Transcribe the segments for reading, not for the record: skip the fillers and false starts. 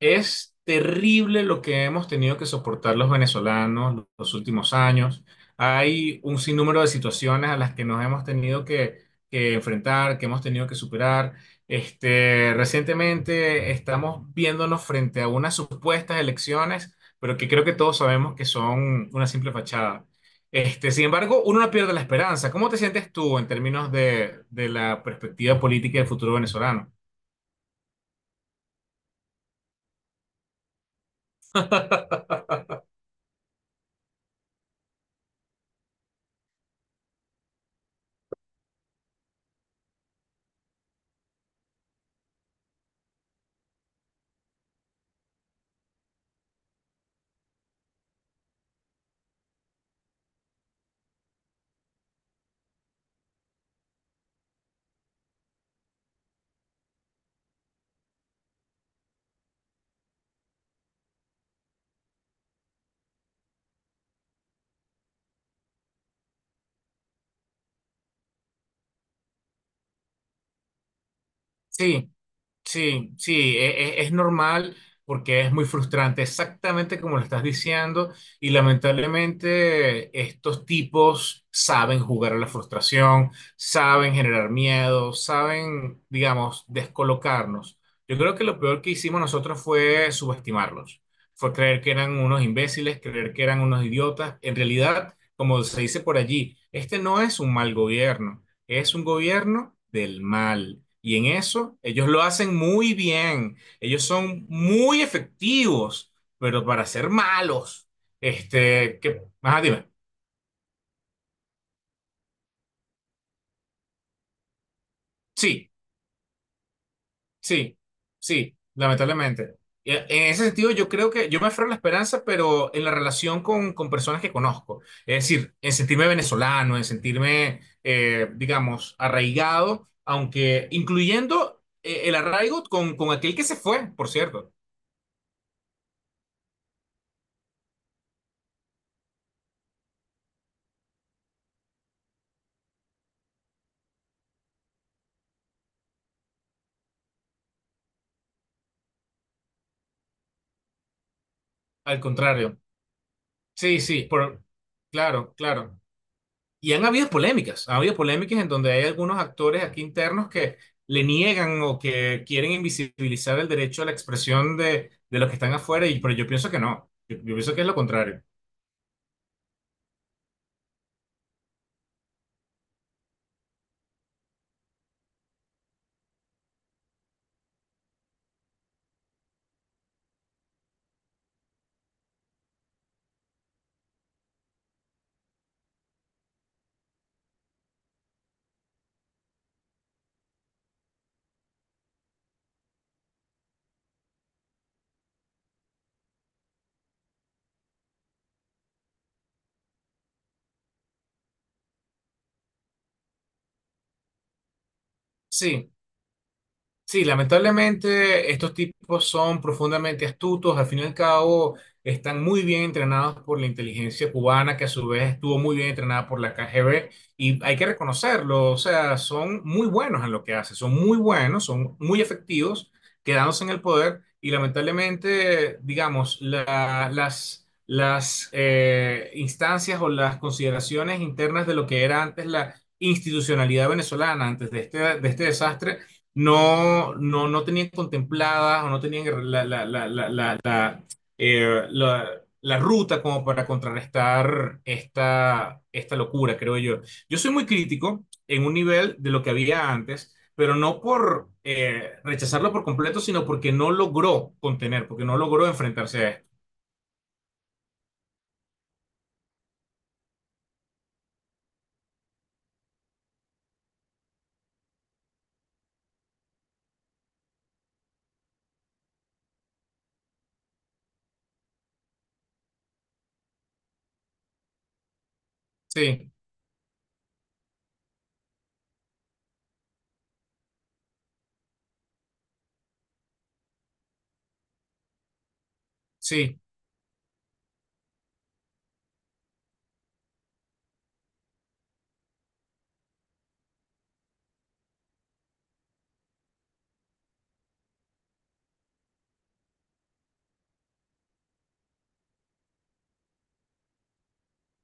Es terrible lo que hemos tenido que soportar los venezolanos los últimos años. Hay un sinnúmero de situaciones a las que nos hemos tenido que enfrentar, que hemos tenido que superar. Recientemente estamos viéndonos frente a unas supuestas elecciones, pero que creo que todos sabemos que son una simple fachada. Sin embargo, uno no pierde la esperanza. ¿Cómo te sientes tú en términos de la perspectiva política del futuro venezolano? Sí. Sí, sí, es normal porque es muy frustrante, exactamente como lo estás diciendo, y lamentablemente estos tipos saben jugar a la frustración, saben generar miedo, saben, digamos, descolocarnos. Yo creo que lo peor que hicimos nosotros fue subestimarlos, fue creer que eran unos imbéciles, creer que eran unos idiotas. En realidad, como se dice por allí, este no es un mal gobierno, es un gobierno del mal. Y en eso ellos lo hacen muy bien. Ellos son muy efectivos, pero para ser malos. Ajá, dime. Sí, sí, sí, lamentablemente. En ese sentido, yo creo que yo me aferro a la esperanza, pero en la relación con personas que conozco. Es decir, en sentirme venezolano, en sentirme, digamos, arraigado, aunque incluyendo el arraigo con aquel que se fue, por cierto. Al contrario. Sí, sí, claro, claro. Y han habido polémicas, ha habido polémicas en donde hay algunos actores aquí internos que le niegan o que quieren invisibilizar el derecho a la expresión de los que están afuera, y, pero yo pienso que no, yo pienso que es lo contrario. Sí, sí, lamentablemente estos tipos son profundamente astutos, al fin y al cabo están muy bien entrenados por la inteligencia cubana, que a su vez estuvo muy bien entrenada por la KGB, y hay que reconocerlo, o sea, son muy buenos en lo que hacen, son muy buenos, son muy efectivos, quedándose en el poder, y lamentablemente, digamos, las instancias o las consideraciones internas de lo que era antes la institucionalidad venezolana, antes de este desastre no tenían contempladas o no tenían eh, la- la ruta como para contrarrestar esta locura, creo yo. Yo soy muy crítico en un nivel de lo que había antes, pero no por rechazarlo por completo, sino porque no logró contener, porque no logró enfrentarse a esto. Sí, sí,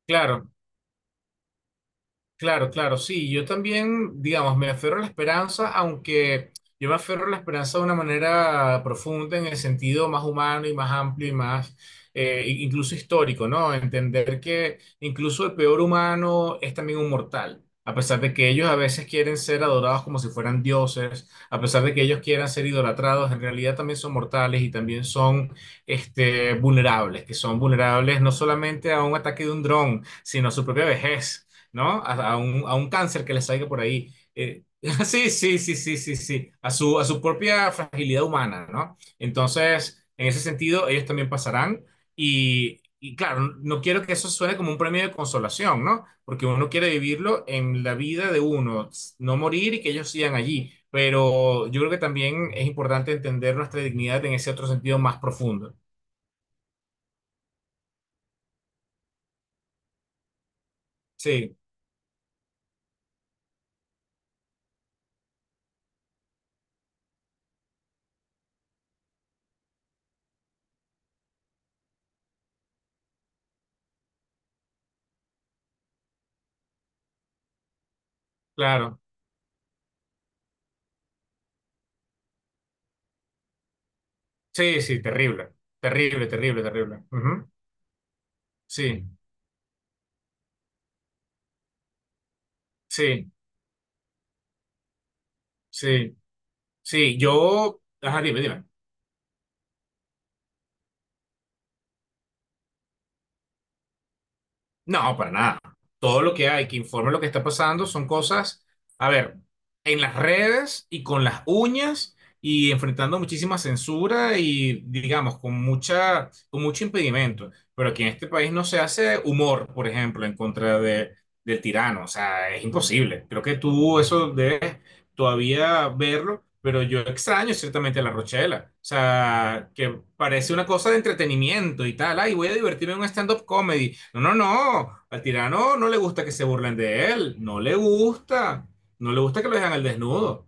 claro. Claro, claro, sí, yo también, digamos, me aferro a la esperanza, aunque yo me aferro a la esperanza de una manera profunda, en el sentido más humano y más amplio y más, incluso histórico, ¿no? Entender que incluso el peor humano es también un mortal, a pesar de que ellos a veces quieren ser adorados como si fueran dioses, a pesar de que ellos quieran ser idolatrados, en realidad también son mortales y también son, vulnerables, que son vulnerables no solamente a un ataque de un dron, sino a su propia vejez. ¿No? A un cáncer que les salga por ahí. Sí, sí, sí, sí, sí, sí, a su propia fragilidad humana, ¿no? Entonces, en ese sentido, ellos también pasarán y claro, no quiero que eso suene como un premio de consolación, ¿no? Porque uno quiere vivirlo en la vida de uno, no morir y que ellos sigan allí. Pero yo creo que también es importante entender nuestra dignidad en ese otro sentido más profundo. Sí, claro. Sí, sí, terrible. Terrible, terrible, terrible. Ujú. Sí, sí. Sí, sí, yo, ajá, dime, dime. No, para nada. Todo lo que hay que informe lo que está pasando son cosas, a ver, en las redes y con las uñas y enfrentando muchísima censura y digamos con mucha, con mucho impedimento. Pero aquí en este país no se hace humor, por ejemplo, en contra del tirano. O sea, es imposible. Creo que tú eso debes todavía verlo, pero yo extraño ciertamente a La Rochela. O sea, que parece una cosa de entretenimiento y tal. Ay, voy a divertirme en un stand-up comedy. No, no, no. Al tirano no le gusta que se burlen de él. No le gusta. No le gusta que lo dejan al desnudo.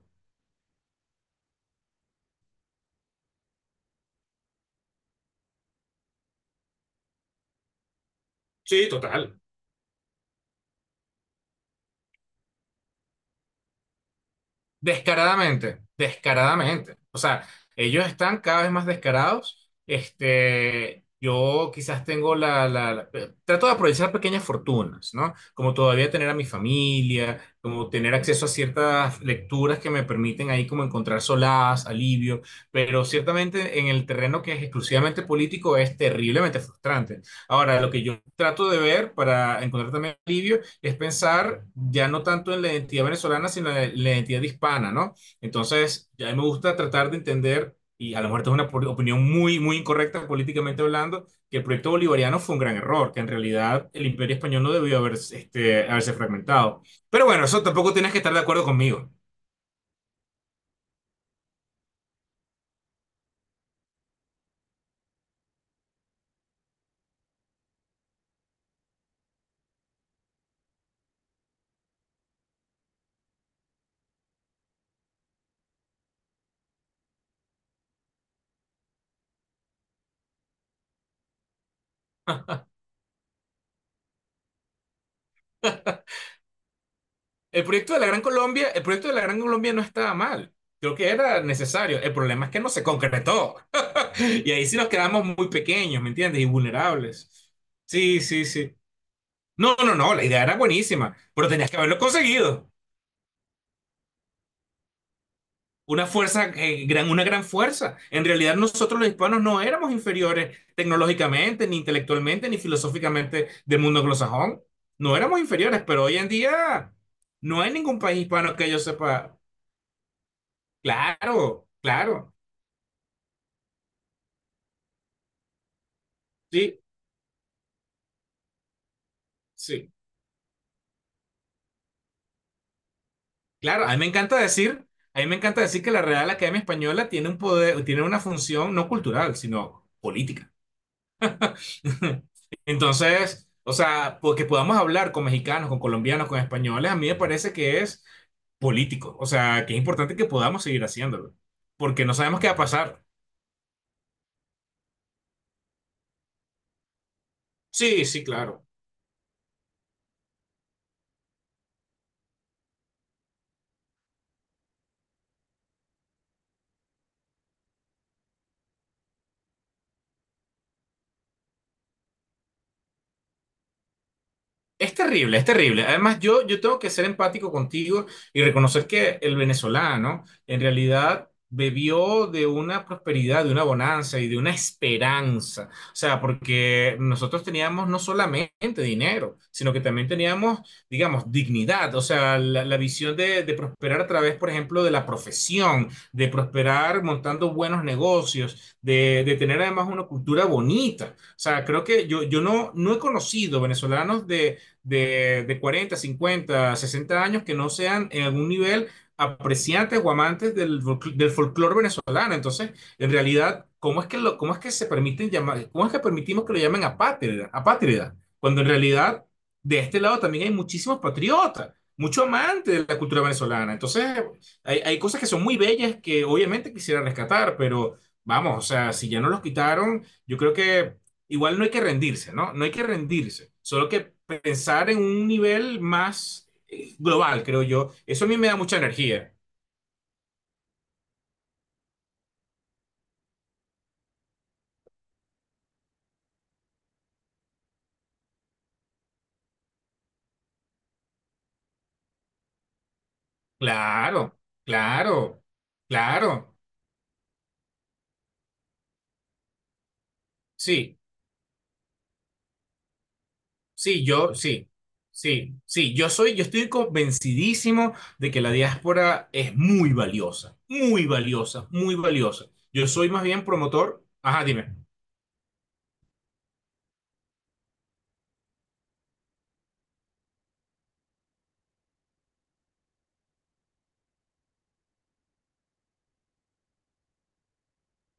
Sí, total. Descaradamente, descaradamente. O sea, ellos están cada vez más descarados. Yo quizás tengo trato de aprovechar pequeñas fortunas, ¿no? Como todavía tener a mi familia, como tener acceso a ciertas lecturas que me permiten ahí como encontrar solaz, alivio, pero ciertamente en el terreno que es exclusivamente político es terriblemente frustrante. Ahora, lo que yo trato de ver para encontrar también alivio es pensar ya no tanto en la identidad venezolana, sino en la identidad hispana, ¿no? Entonces, ya me gusta tratar de entender, y a lo mejor esta es una opinión muy, muy incorrecta políticamente hablando, que el proyecto bolivariano fue un gran error, que en realidad el imperio español no debió haber, haberse fragmentado. Pero bueno, eso tampoco tienes que estar de acuerdo conmigo. El proyecto de la Gran Colombia, el proyecto de la Gran Colombia no estaba mal. Creo que era necesario. El problema es que no se concretó. Y ahí sí nos quedamos muy pequeños, ¿me entiendes? Y vulnerables. Sí, sí, sí. No, no, no, la idea era buenísima, pero tenías que haberlo conseguido. Una fuerza, una gran fuerza. En realidad nosotros los hispanos no éramos inferiores tecnológicamente, ni intelectualmente, ni filosóficamente del mundo anglosajón. No éramos inferiores, pero hoy en día no hay ningún país hispano que yo sepa. Claro, claro, sí, sí, claro. A mí me encanta decir, a mí me encanta decir que la Real Academia Española tiene un poder, tiene una función no cultural, sino política. Entonces, o sea, porque podamos hablar con mexicanos, con colombianos, con españoles, a mí me parece que es político. O sea, que es importante que podamos seguir haciéndolo, porque no sabemos qué va a pasar. Sí, sí, claro. Es terrible, es terrible. Además, yo tengo que ser empático contigo y reconocer que el venezolano en realidad bebió de una prosperidad, de una bonanza y de una esperanza. O sea, porque nosotros teníamos no solamente dinero, sino que también teníamos, digamos, dignidad. O sea, la visión de prosperar a través, por ejemplo, de la profesión, de prosperar montando buenos negocios, de tener además una cultura bonita. O sea, creo que yo no, no he conocido venezolanos de 40, 50, 60 años que no sean en algún nivel apreciantes o amantes del folclore venezolano. Entonces, en realidad, ¿cómo es que cómo es que se permiten llamar, cómo es que permitimos que lo llamen apátrida, apátrida? Cuando en realidad, de este lado también hay muchísimos patriotas, mucho amantes de la cultura venezolana. Entonces, hay cosas que son muy bellas que obviamente quisiera rescatar, pero vamos, o sea, si ya no los quitaron, yo creo que igual no hay que rendirse, ¿no? No hay que rendirse, solo que pensar en un nivel más global, creo yo. Eso a mí me da mucha energía. Claro, claro, claro. Sí, sí, sí, sí, sí. Yo estoy convencidísimo de que la diáspora es muy valiosa, muy valiosa, muy valiosa. Yo soy más bien promotor. Ajá, dime.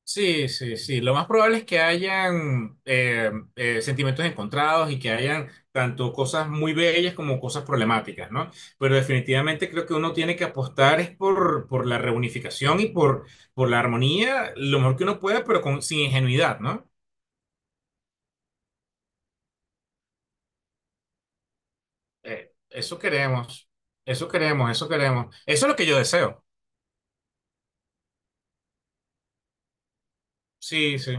Sí, sí, sí. Lo más probable es que hayan sentimientos encontrados y que hayan tanto cosas muy bellas como cosas problemáticas, ¿no? Pero definitivamente creo que uno tiene que apostar es por la reunificación por la armonía lo mejor que uno pueda, pero sin ingenuidad, ¿no? Eso queremos, eso queremos, eso queremos. Eso es lo que yo deseo. Sí, sí,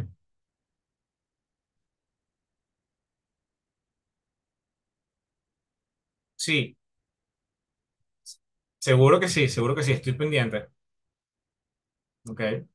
sí. Seguro que sí, seguro que sí. Estoy pendiente. Ok.